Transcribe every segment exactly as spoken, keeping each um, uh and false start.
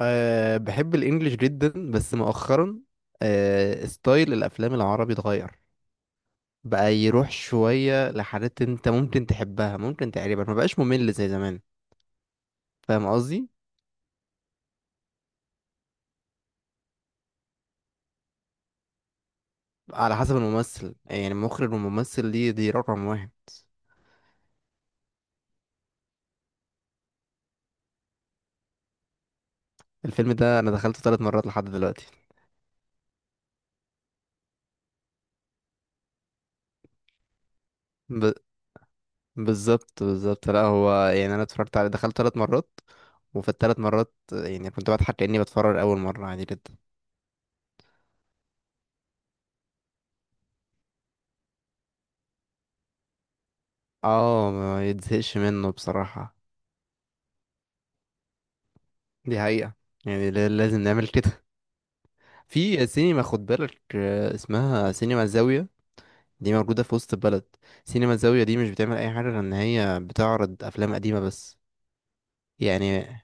أه بحب الانجليش جدا بس مؤخرا. أه ستايل الافلام العربي اتغير، بقى يروح شوية لحاجات انت ممكن تحبها، ممكن تقريبا ما بقاش ممل زي زمان. فاهم قصدي. على حسب الممثل، يعني المخرج والممثل دي دي رقم واحد. الفيلم ده انا دخلته ثلاث مرات لحد دلوقتي. ب... بالظبط بالظبط، لا هو يعني انا اتفرجت عليه، دخلت ثلاث مرات، وفي الثلاث مرات يعني كنت بضحك كأني بتفرج اول مرة عادي جدا. اه، ما يتزهقش منه بصراحة. دي حقيقة. يعني لا- لازم نعمل كده. في سينما، خد بالك، آه، اسمها سينما الزاوية. دي موجودة في وسط البلد. سينما الزاوية دي مش بتعمل أي حاجة غير إن هي بتعرض أفلام قديمة بس. يعني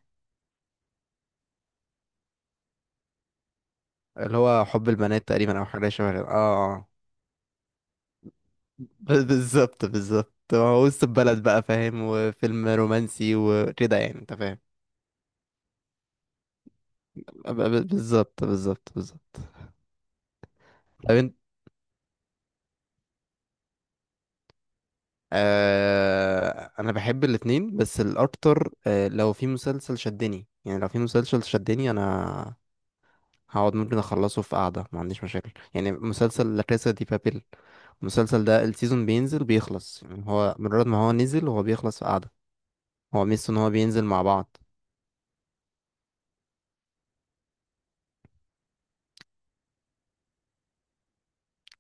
اللي هو حب البنات تقريبا، أو حاجة شبه كده. اه. آه. ب- بالظبط بالظبط، هو وسط البلد بقى، فاهم، وفيلم رومانسي وكده، يعني انت فاهم. ب- ب- بالظبط بالظبط بالظبط. طب آه انا بحب الاتنين، بس الاكتر آه لو في مسلسل شدني، يعني لو في مسلسل شدني انا هقعد ممكن اخلصه في قعده، ما عنديش مشاكل، يعني مسلسل لا كاسا دي بابيل. المسلسل ده السيزون بينزل بيخلص، يعني هو مجرد ما هو نزل هو بيخلص في قعده. هو ميزته ان هو بينزل مع بعض.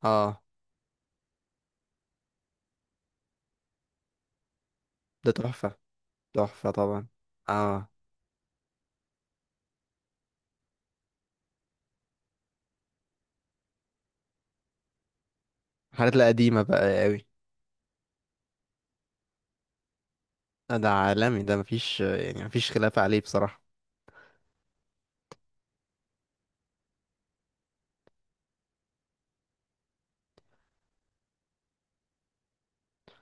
اه. ده تحفه. تحفه طبعا. اه. الحاجات القديمه بقى قوي. ده عالمي، ده مفيش، يعني مفيش خلاف عليه بصراحه.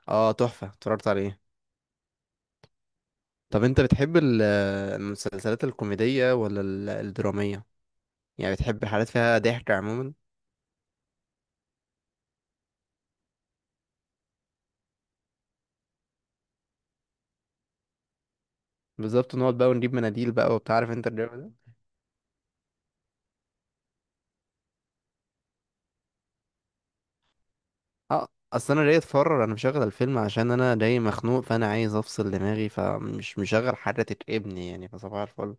اه، تحفه، اتفرجت عليه. طب انت بتحب ال- المسلسلات الكوميدية ولا ال- الدرامية؟ يعني بتحب حاجات فيها ضحك عموما. بالظبط، نقعد بقى ونجيب مناديل بقى وبتاع، عارف انت الجو ده. اه، اصل انا جاي اتفرج، انا مشغل الفيلم عشان انا جاي مخنوق، فانا عايز افصل دماغي، فمش مشغل حاجة تتعبني يعني، فصباح الفل.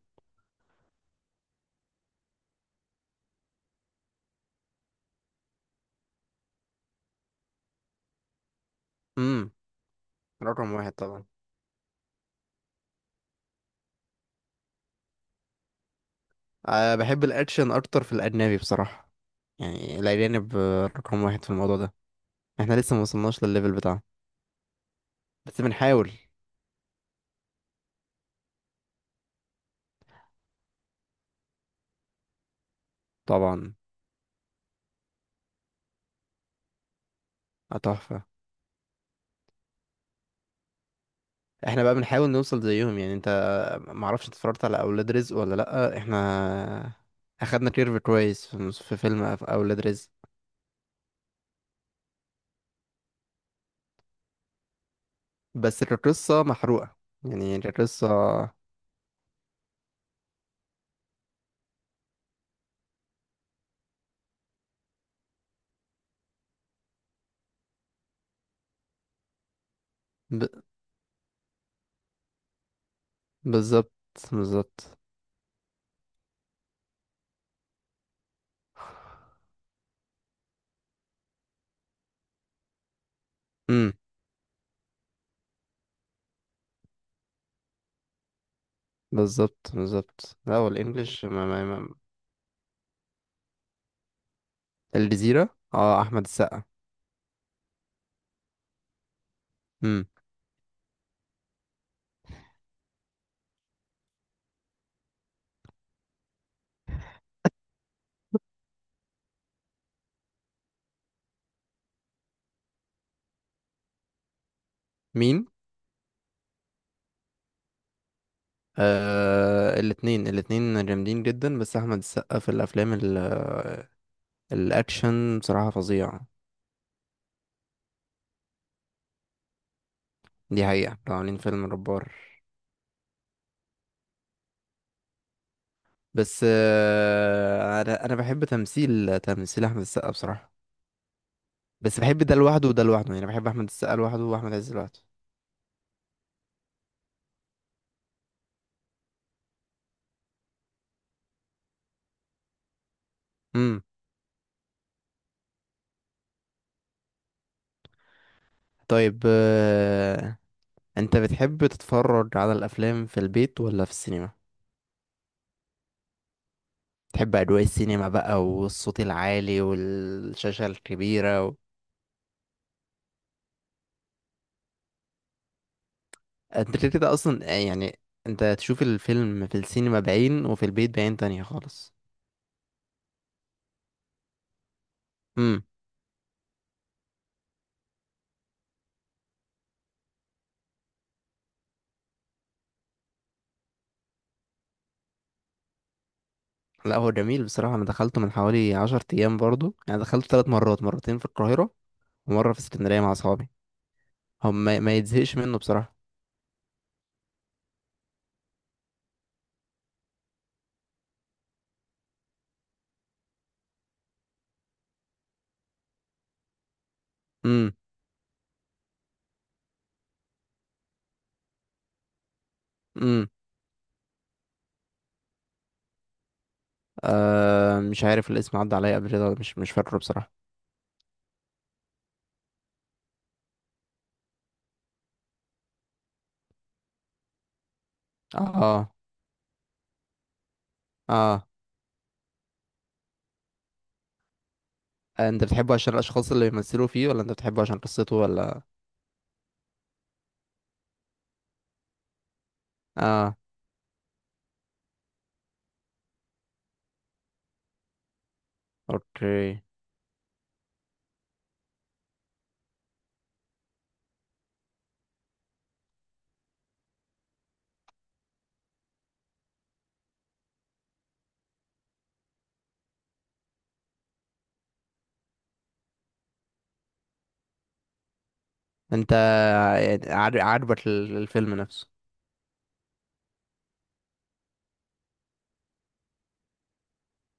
امم. رقم واحد طبعا. أه بحب الاكشن اكتر في الاجنبي بصراحة. يعني الاجانب آه، رقم واحد في الموضوع ده. احنا لسه ما وصلناش للليفل بتاعه، بس بنحاول. طبعا. آه، تحفة. احنا بقى بنحاول نوصل زيهم، يعني انت، معرفش انت اتفرجت على اولاد رزق ولا لأ. احنا اخدنا كيرف كويس في مس- في فيلم أف- اولاد رزق. بس القصة محروقة، يعني القصة. ب... بالظبط بالظبط. امم. بالظبط بالظبط، لا هو الانجليش ما ما ما. الجزيرة، اه، احمد السقا. امم. مين؟ آه، الاتنين الاتنين جامدين جدا، بس احمد السقا في الافلام ال... الاكشن بصراحة فظيع. دي حقيقة، كانوا عاملين فيلم جبار. بس آه، انا انا بحب تمثيل تمثيل احمد السقا بصراحه. بس بحب ده لوحده وده لوحده، يعني بحب احمد السقا لوحده واحمد عز لوحده. امم. طيب آه، انت بتحب تتفرج على الافلام في البيت ولا في السينما؟ تحب اجواء السينما بقى والصوت العالي والشاشه الكبيره و... انت كده كده اصلا، آه، يعني انت تشوف الفيلم في السينما بعين وفي البيت بعين تانية خالص. امم. لا هو جميل بصراحة، أنا دخلته من حوالي عشر أيام برضو، يعني دخلته ثلاث مرات، مرتين في القاهرة ومره في اسكندريه مع اصحابي. هم ما ما يتزهقش منه بصراحه. امم. امم. آه مش عارف الاسم، عدى عليا قبل كده ولا مش مش فاكره بصراحه. اه. اه. آه، انت بتحبه عشان الاشخاص اللي بيمثلوا فيه، ولا انت بتحبه عشان قصته، ولا؟ اه. اوكي. انت يعني عاجب- عاجبك ال- الفيلم نفسه.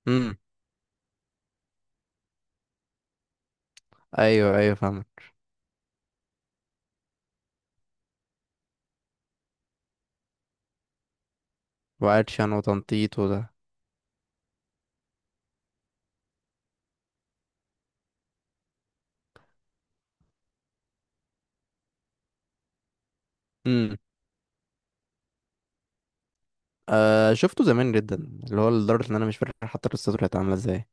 امم. ايوه ايوه، فاهمك. واكشن وتنطيط وده. امم. آه شفته زمان جدا، اللي هو لدرجه ان انا مش فاكر حتى قصته كانت عامله ازاي.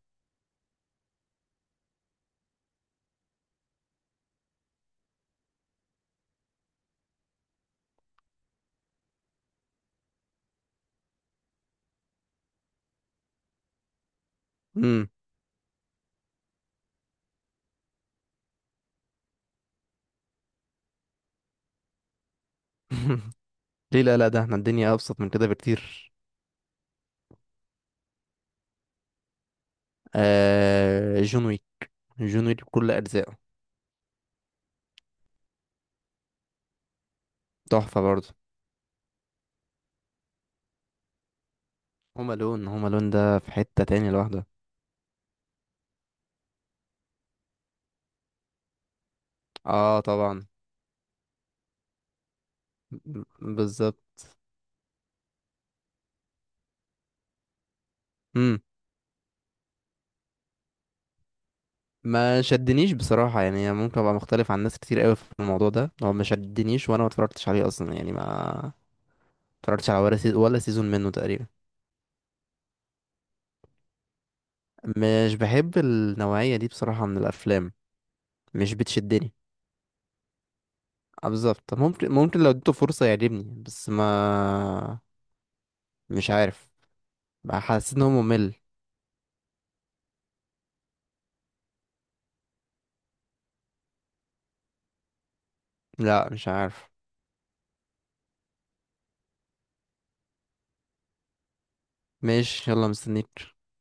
امم. ليه، لا لا، ده احنا الدنيا ابسط من كده بكتير. آه، جون ويك. جون ويك بكل أجزائه. تحفة برضه. هوم ألون، هوم ألون ده في حتة تاني لوحده. اه طبعا. ب- بالظبط. امم. ما شدنيش بصراحة، يعني ممكن ابقى مختلف عن ناس كتير قوي في الموضوع ده، هو ما شدنيش وانا ما اتفرجتش عليه اصلا، يعني ما اتفرجتش على ولا سيزون، ولا سيزون منه تقريبا. مش بحب النوعية دي بصراحة من الافلام، مش بتشدني. آه، بالظبط، ممكن، ممكن لو اديته فرصة يعجبني، بس ما مش عارف. حسيت ان هو ممل. لا مش عارف. ماشي، يلا مستنيك.